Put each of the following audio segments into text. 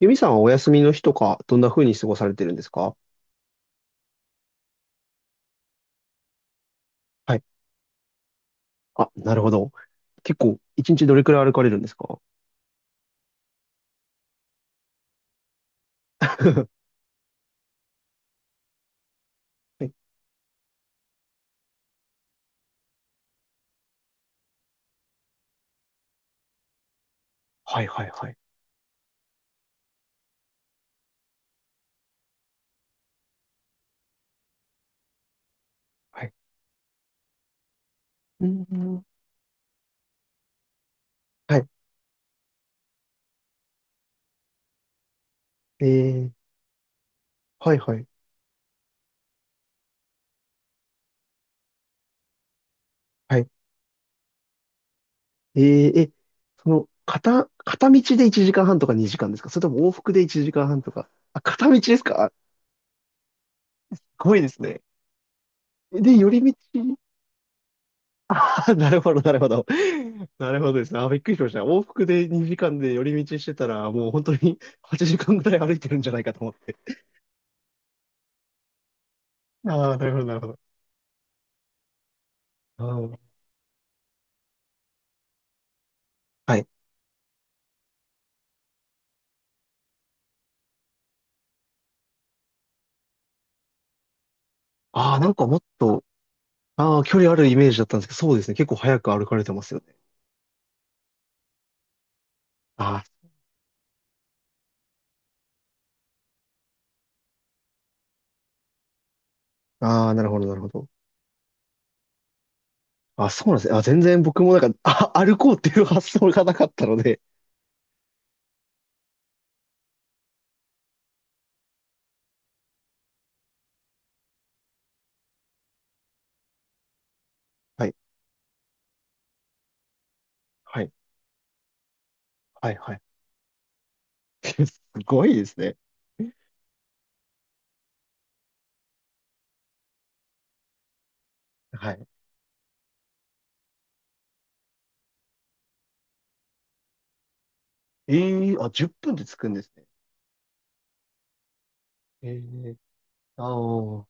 ユミさんはお休みの日とか、どんな風に過ごされてるんですか？はい。あ、なるほど。結構、一日どれくらい歩かれるんですか？ はいはいはいはい。はい。うん。はい。えー、はいはい。はい。えー、え、その、片道で1時間半とか2時間ですか？それとも往復で1時間半とか。あ、片道ですか？すごいですね。で、寄り道。あー、なるほど、なるほど。なるほどですね。あー、びっくりしました。往復で2時間で寄り道してたら、もう本当に8時間ぐらい歩いてるんじゃないかと思って。ああ、なるほど、なるほど。あー、はい。ああ、なんかもっと、ああ、距離あるイメージだったんですけど、そうですね。結構早く歩かれてますよね。ああ、ああ、なるほど、なるほど。あ、そうなんですね。あ、全然僕もなんか、あ、歩こうっていう発想がなかったので。はい、はい、はい、はい。すごいですね。はい。ええ、あ、10分で着くんですね。ええ、ああ、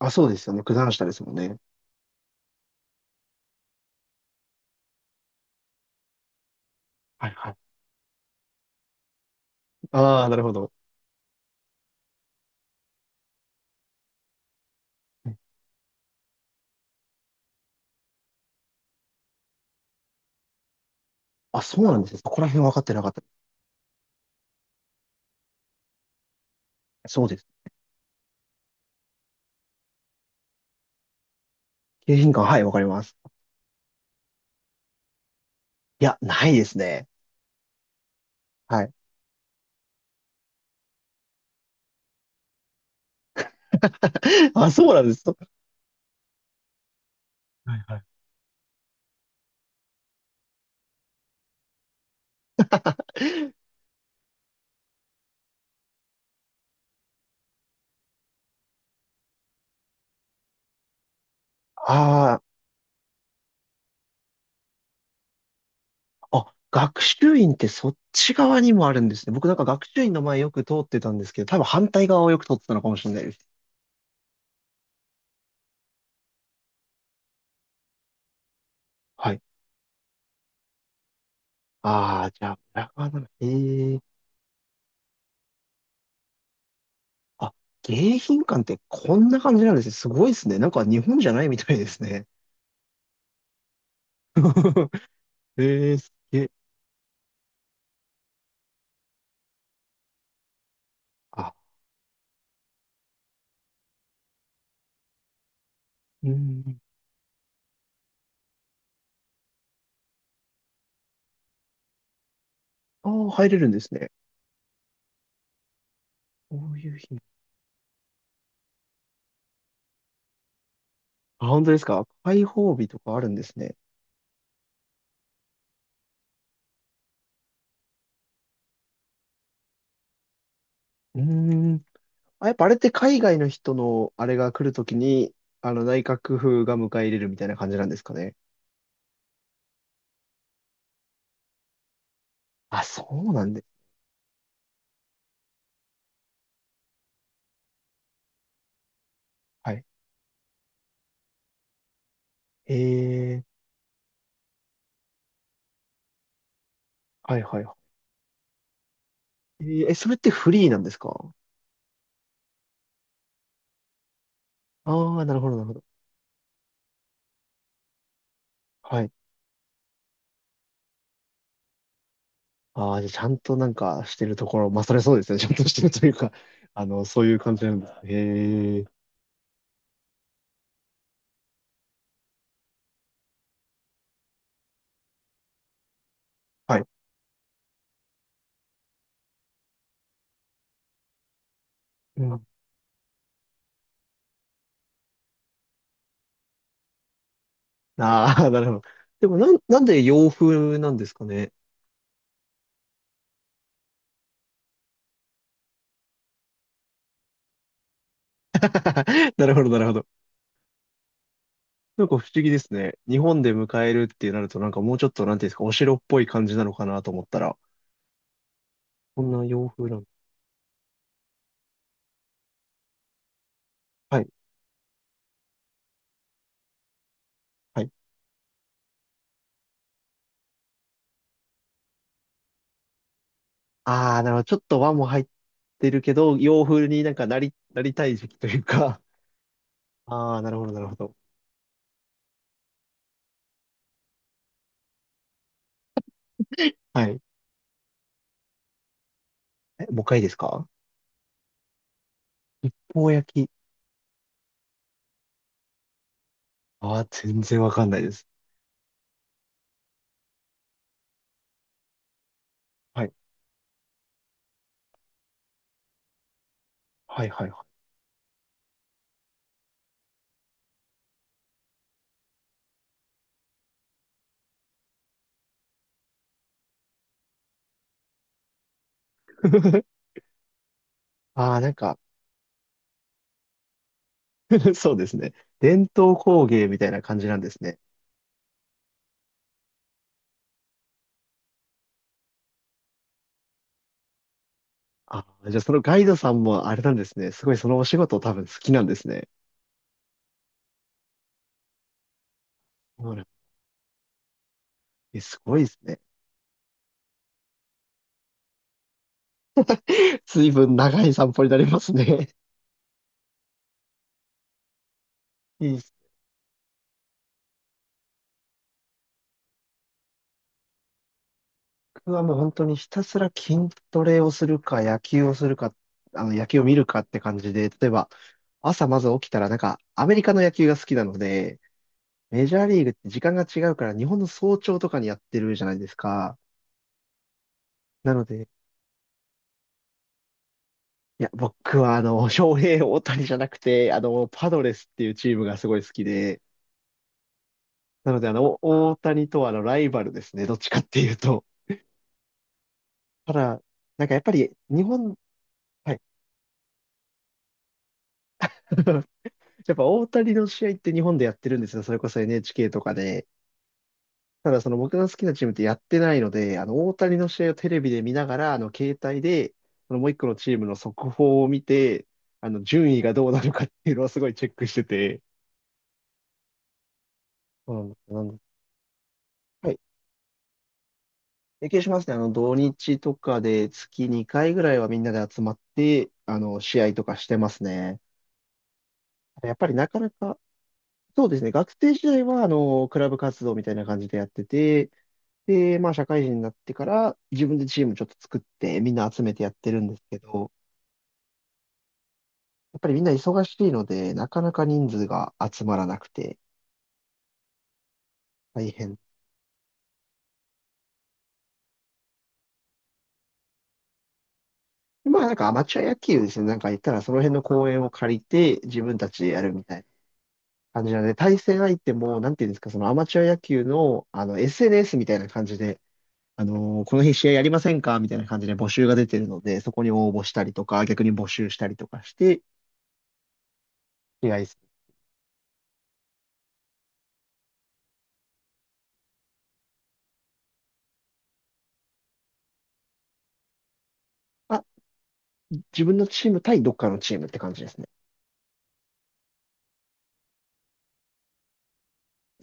あ、そうですよね。九段下ですもんね。はいはい。ああ、なるほど。ね、あ、そうなんですね。そこら辺分かってなかった。そうです。景品館、はい、わかります。いや、ないですね。はい。あ、そうなんです。はいはい。ああ、あ、学習院ってそっち側にもあるんですね。僕なんか学習院の前よく通ってたんですけど、多分反対側をよく通ってたのかもしれないです。はい。ああ、じゃあ、裏側なの。へえ。あ、迎賓館ってこんな感じなんですね。すごいですね。なんか日本じゃないみたいですね。えー、すげえ。あ、うん。ああ、入れるんですね。こういう日も。あ、本当ですか？開放日とかあるんですね。うーん。あ、やっぱあれって海外の人のあれが来るときに、内閣府が迎え入れるみたいな感じなんですかね。あ、そうなんで。はい。ええ、はいはいはい。えー、えそれってフリーなんですか？ああー、なるほど、なるほど。はい。ああ、じゃあちゃんとなんかしてるところ、まあ、それそうですね。ちゃんとしてるというか、そういう感じなんですね。へえ。はい。ああ、なるほど。でもなんで洋風なんですかね。なるほど、なるほど。なんか不思議ですね。日本で迎えるってなると、なんかもうちょっと、なんていうんですか、お城っぽい感じなのかなと思ったら、こんな洋風なの。はい、はい。ああ、なるほど。ちょっと和も入ってるけど、洋風になんかなりたい時期というか。ああ、なるほど、なるほど。はい。え、もう一回いいですか？こう焼き。ああ、全然わかんないです。はい、はい、はい。はい、ああ、なんか。 そうですね。伝統工芸みたいな感じなんですね。あ、じゃあそのガイドさんもあれなんですね。すごいそのお仕事多分好きなんですね。そうなん、え、すごいですね。随分長い散歩になりますね。いいっす。僕はもう本当にひたすら筋トレをするか、野球をするか、あの野球を見るかって感じで、例えば朝まず起きたらなんかアメリカの野球が好きなので、メジャーリーグって時間が違うから日本の早朝とかにやってるじゃないですか。なので、いや、僕はあの、翔平大谷じゃなくて、あの、パドレスっていうチームがすごい好きで、なので、あの、お大谷とはあの、ライバルですね。どっちかっていうと。ただ、なんかやっぱり、日本、はい。やっぱ大谷の試合って日本でやってるんですよ。それこそ NHK とかで。ただ、その僕の好きなチームってやってないので、あの、大谷の試合をテレビで見ながら、あの、携帯で、そのもう一個のチームの速報を見て、あの、順位がどうなのかっていうのをすごいチェックしてて。うんうん、はい。経験しますね。あの、土日とかで月2回ぐらいはみんなで集まって、あの、試合とかしてますね。やっぱりなかなか、そうですね、学生時代は、あの、クラブ活動みたいな感じでやってて、で、まあ、社会人になってから、自分でチームちょっと作って、みんな集めてやってるんですけど、やっぱりみんな忙しいので、なかなか人数が集まらなくて、大変。まあ、なんかアマチュア野球ですね、なんか言ったら、その辺の公園を借りて、自分たちでやるみたいな感じなので、対戦相手も、なんていうんですか、そのアマチュア野球の、あの、SNS みたいな感じで、あのーこの日試合やりませんか？みたいな感じで募集が出てるので、そこに応募したりとか、逆に募集したりとかして、試合する。あ、自分のチーム対どっかのチームって感じですね。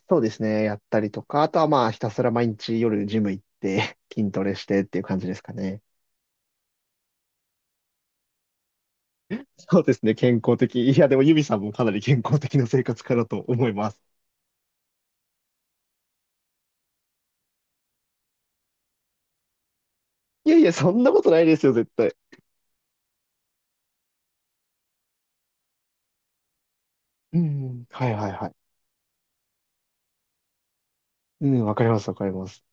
そうですね。やったりとか、あとはまあ、ひたすら毎日夜ジム行って、筋トレしてっていう感じですかね。そうですね。健康的。いや、でもユミさんもかなり健康的な生活かなと思います。いやいや、そんなことないですよ、絶対。うん。はいはいはい。うん、わかります、わかります。